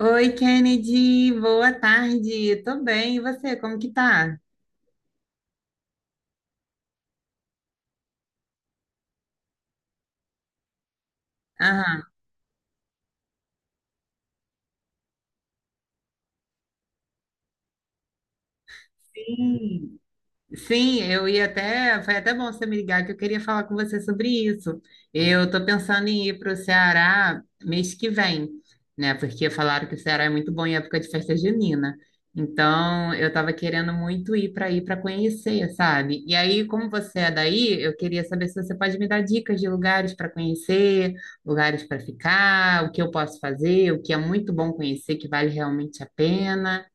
Oi, Kennedy, boa tarde. Tô bem, e você, como que tá? Aham. Sim. Sim, eu ia até. Foi até bom você me ligar que eu queria falar com você sobre isso. Eu estou pensando em ir para o Ceará mês que vem, né? Porque falaram que o Ceará é muito bom em época de festa junina. Então, eu estava querendo muito ir para aí para conhecer, sabe? E aí, como você é daí, eu queria saber se você pode me dar dicas de lugares para conhecer, lugares para ficar, o que eu posso fazer, o que é muito bom conhecer, que vale realmente a pena.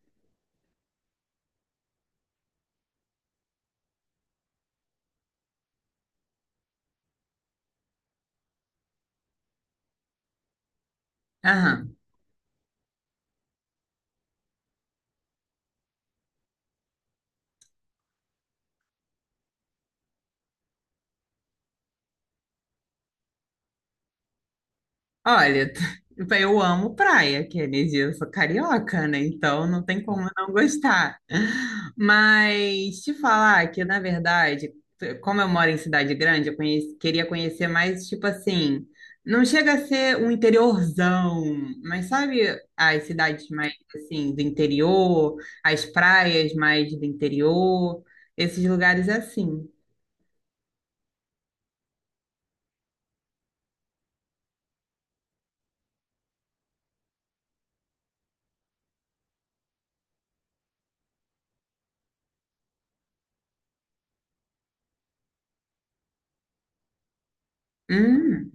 Aham. Olha, eu amo praia, que é energia, eu sou carioca, né? Então não tem como não gostar. Mas te falar que, na verdade, como eu moro em cidade grande, queria conhecer mais, tipo assim, não chega a ser um interiorzão, mas sabe as cidades mais, assim, do interior, as praias mais do interior, esses lugares assim. Hum.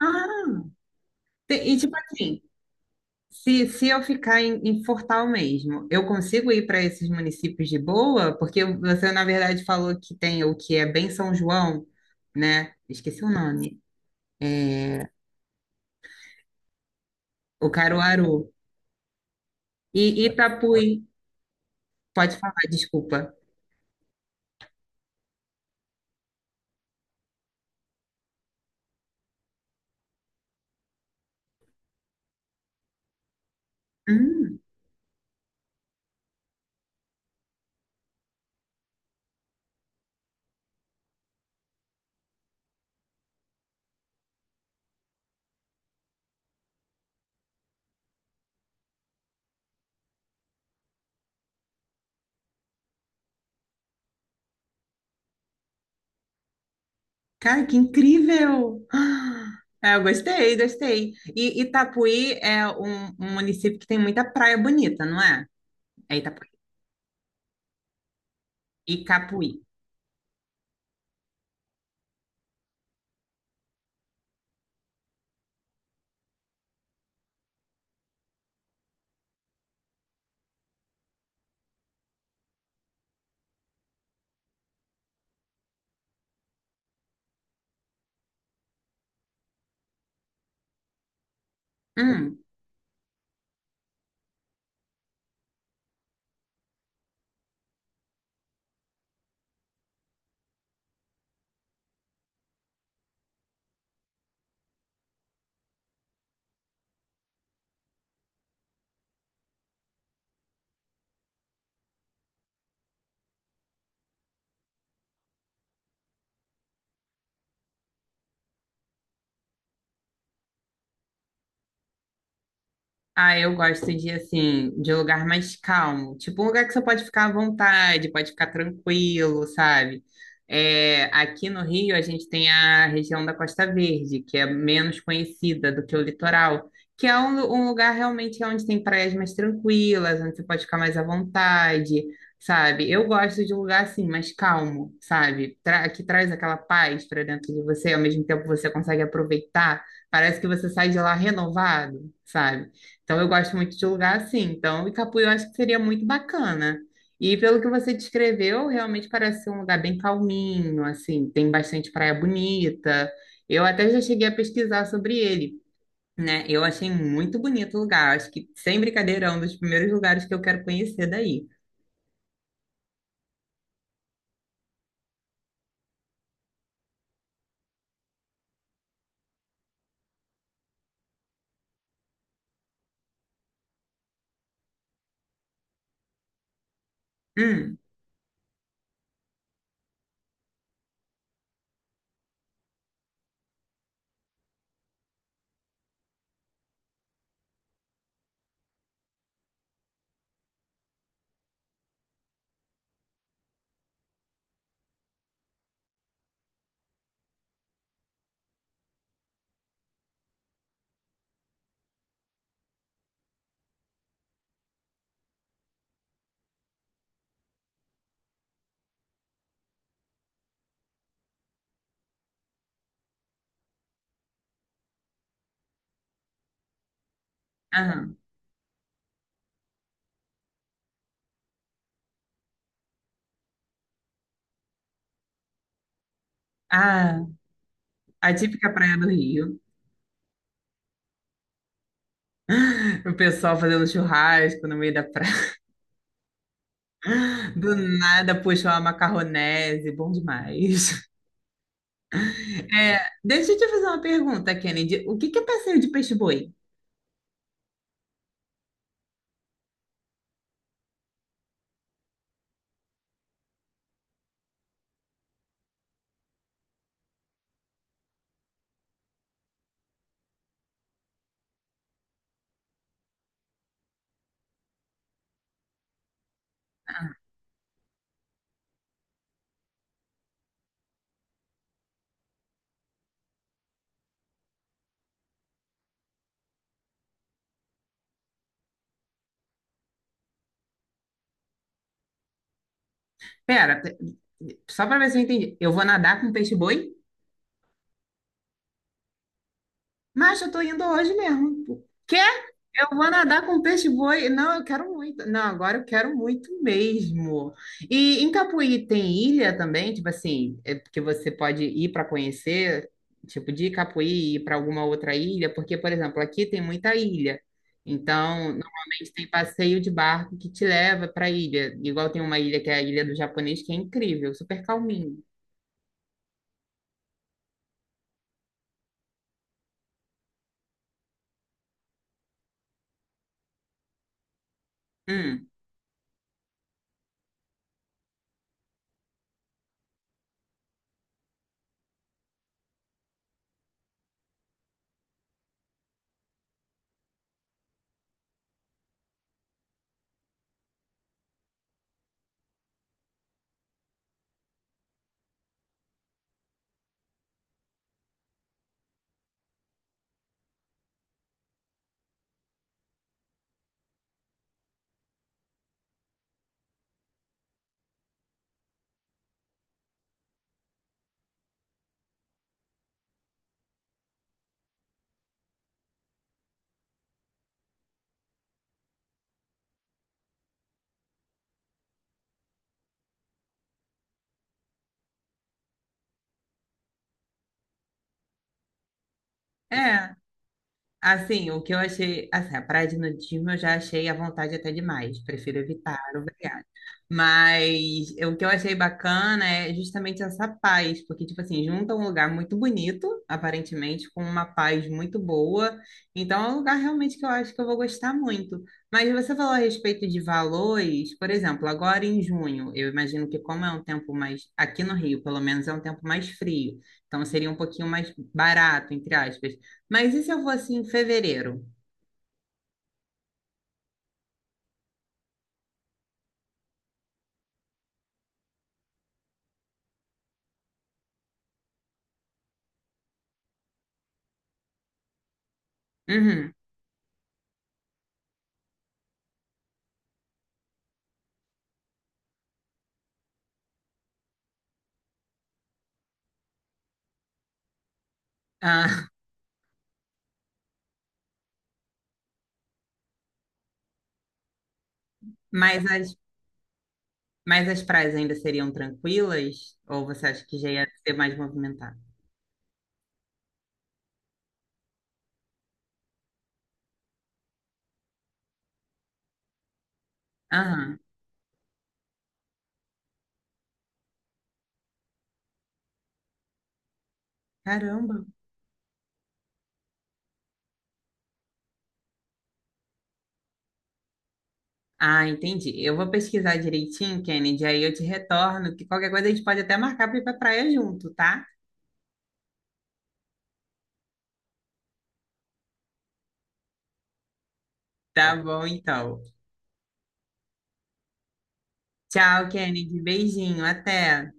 Ah, E tipo assim, se eu ficar em, em Fortal mesmo, eu consigo ir para esses municípios de boa? Porque você, na verdade, falou que tem o que é bem São João, né? Esqueci o nome. É, o Caruaru. E Itapuí. Pode falar, desculpa. Hum, cara, que incrível! Ah, é, eu gostei, gostei. E Itapuí é um município que tem muita praia bonita, não é? É Itapuí. Icapuí. Hum. Ah, eu gosto de, assim, de lugar mais calmo. Tipo, um lugar que você pode ficar à vontade, pode ficar tranquilo, sabe? É, aqui no Rio, a gente tem a região da Costa Verde, que é menos conhecida do que o litoral, que é um lugar realmente é onde tem praias mais tranquilas, onde você pode ficar mais à vontade, sabe? Eu gosto de um lugar, assim, mais calmo, sabe? Que traz aquela paz para dentro de você, ao mesmo tempo você consegue aproveitar. Parece que você sai de lá renovado, sabe? Então, eu gosto muito de lugar assim. Então, Icapú eu acho que seria muito bacana. E pelo que você descreveu, realmente parece ser um lugar bem calminho, assim, tem bastante praia bonita. Eu até já cheguei a pesquisar sobre ele, né? Eu achei muito bonito o lugar. Acho que, sem brincadeira, é um dos primeiros lugares que eu quero conhecer daí. Hum. Aham. Ah, a típica praia do Rio. O pessoal fazendo churrasco no meio da praia. Do nada puxou uma macarronese, bom demais. É, deixa eu te fazer uma pergunta, Kennedy. O que que é passeio de peixe-boi? Pera, só para ver se eu entendi. Eu vou nadar com peixe-boi? Mas eu tô indo hoje mesmo. Quer? Eu vou nadar com peixe-boi. Não, eu quero muito. Não, agora eu quero muito mesmo. E em Capuí tem ilha também, tipo assim, é porque você pode ir para conhecer, tipo de Capuí e ir para alguma outra ilha, porque, por exemplo, aqui tem muita ilha. Então, normalmente tem passeio de barco que te leva para ilha. Igual tem uma ilha que é a Ilha do Japonês, que é incrível, super calminho. Hum. É. Assim, o que eu achei, assim, a praia de nudismo eu já achei à vontade até demais, prefiro evitar, obrigada. Mas o que eu achei bacana é justamente essa paz, porque, tipo assim, junta um lugar muito bonito, aparentemente, com uma paz muito boa. Então, é um lugar realmente que eu acho que eu vou gostar muito. Mas você falou a respeito de valores, por exemplo, agora em junho, eu imagino que como é um tempo mais, aqui no Rio, pelo menos é um tempo mais frio, então seria um pouquinho mais barato, entre aspas. Mas e se eu fosse em fevereiro? Uhum. Ah, mas as, mas as praias ainda seriam tranquilas? Ou você acha que já ia ser mais movimentado? Aham. Caramba. Ah, entendi. Eu vou pesquisar direitinho, Kennedy, aí eu te retorno, que qualquer coisa a gente pode até marcar para ir para praia junto, tá? Tá, bom, então. Tchau, Kennedy. Beijinho. Até.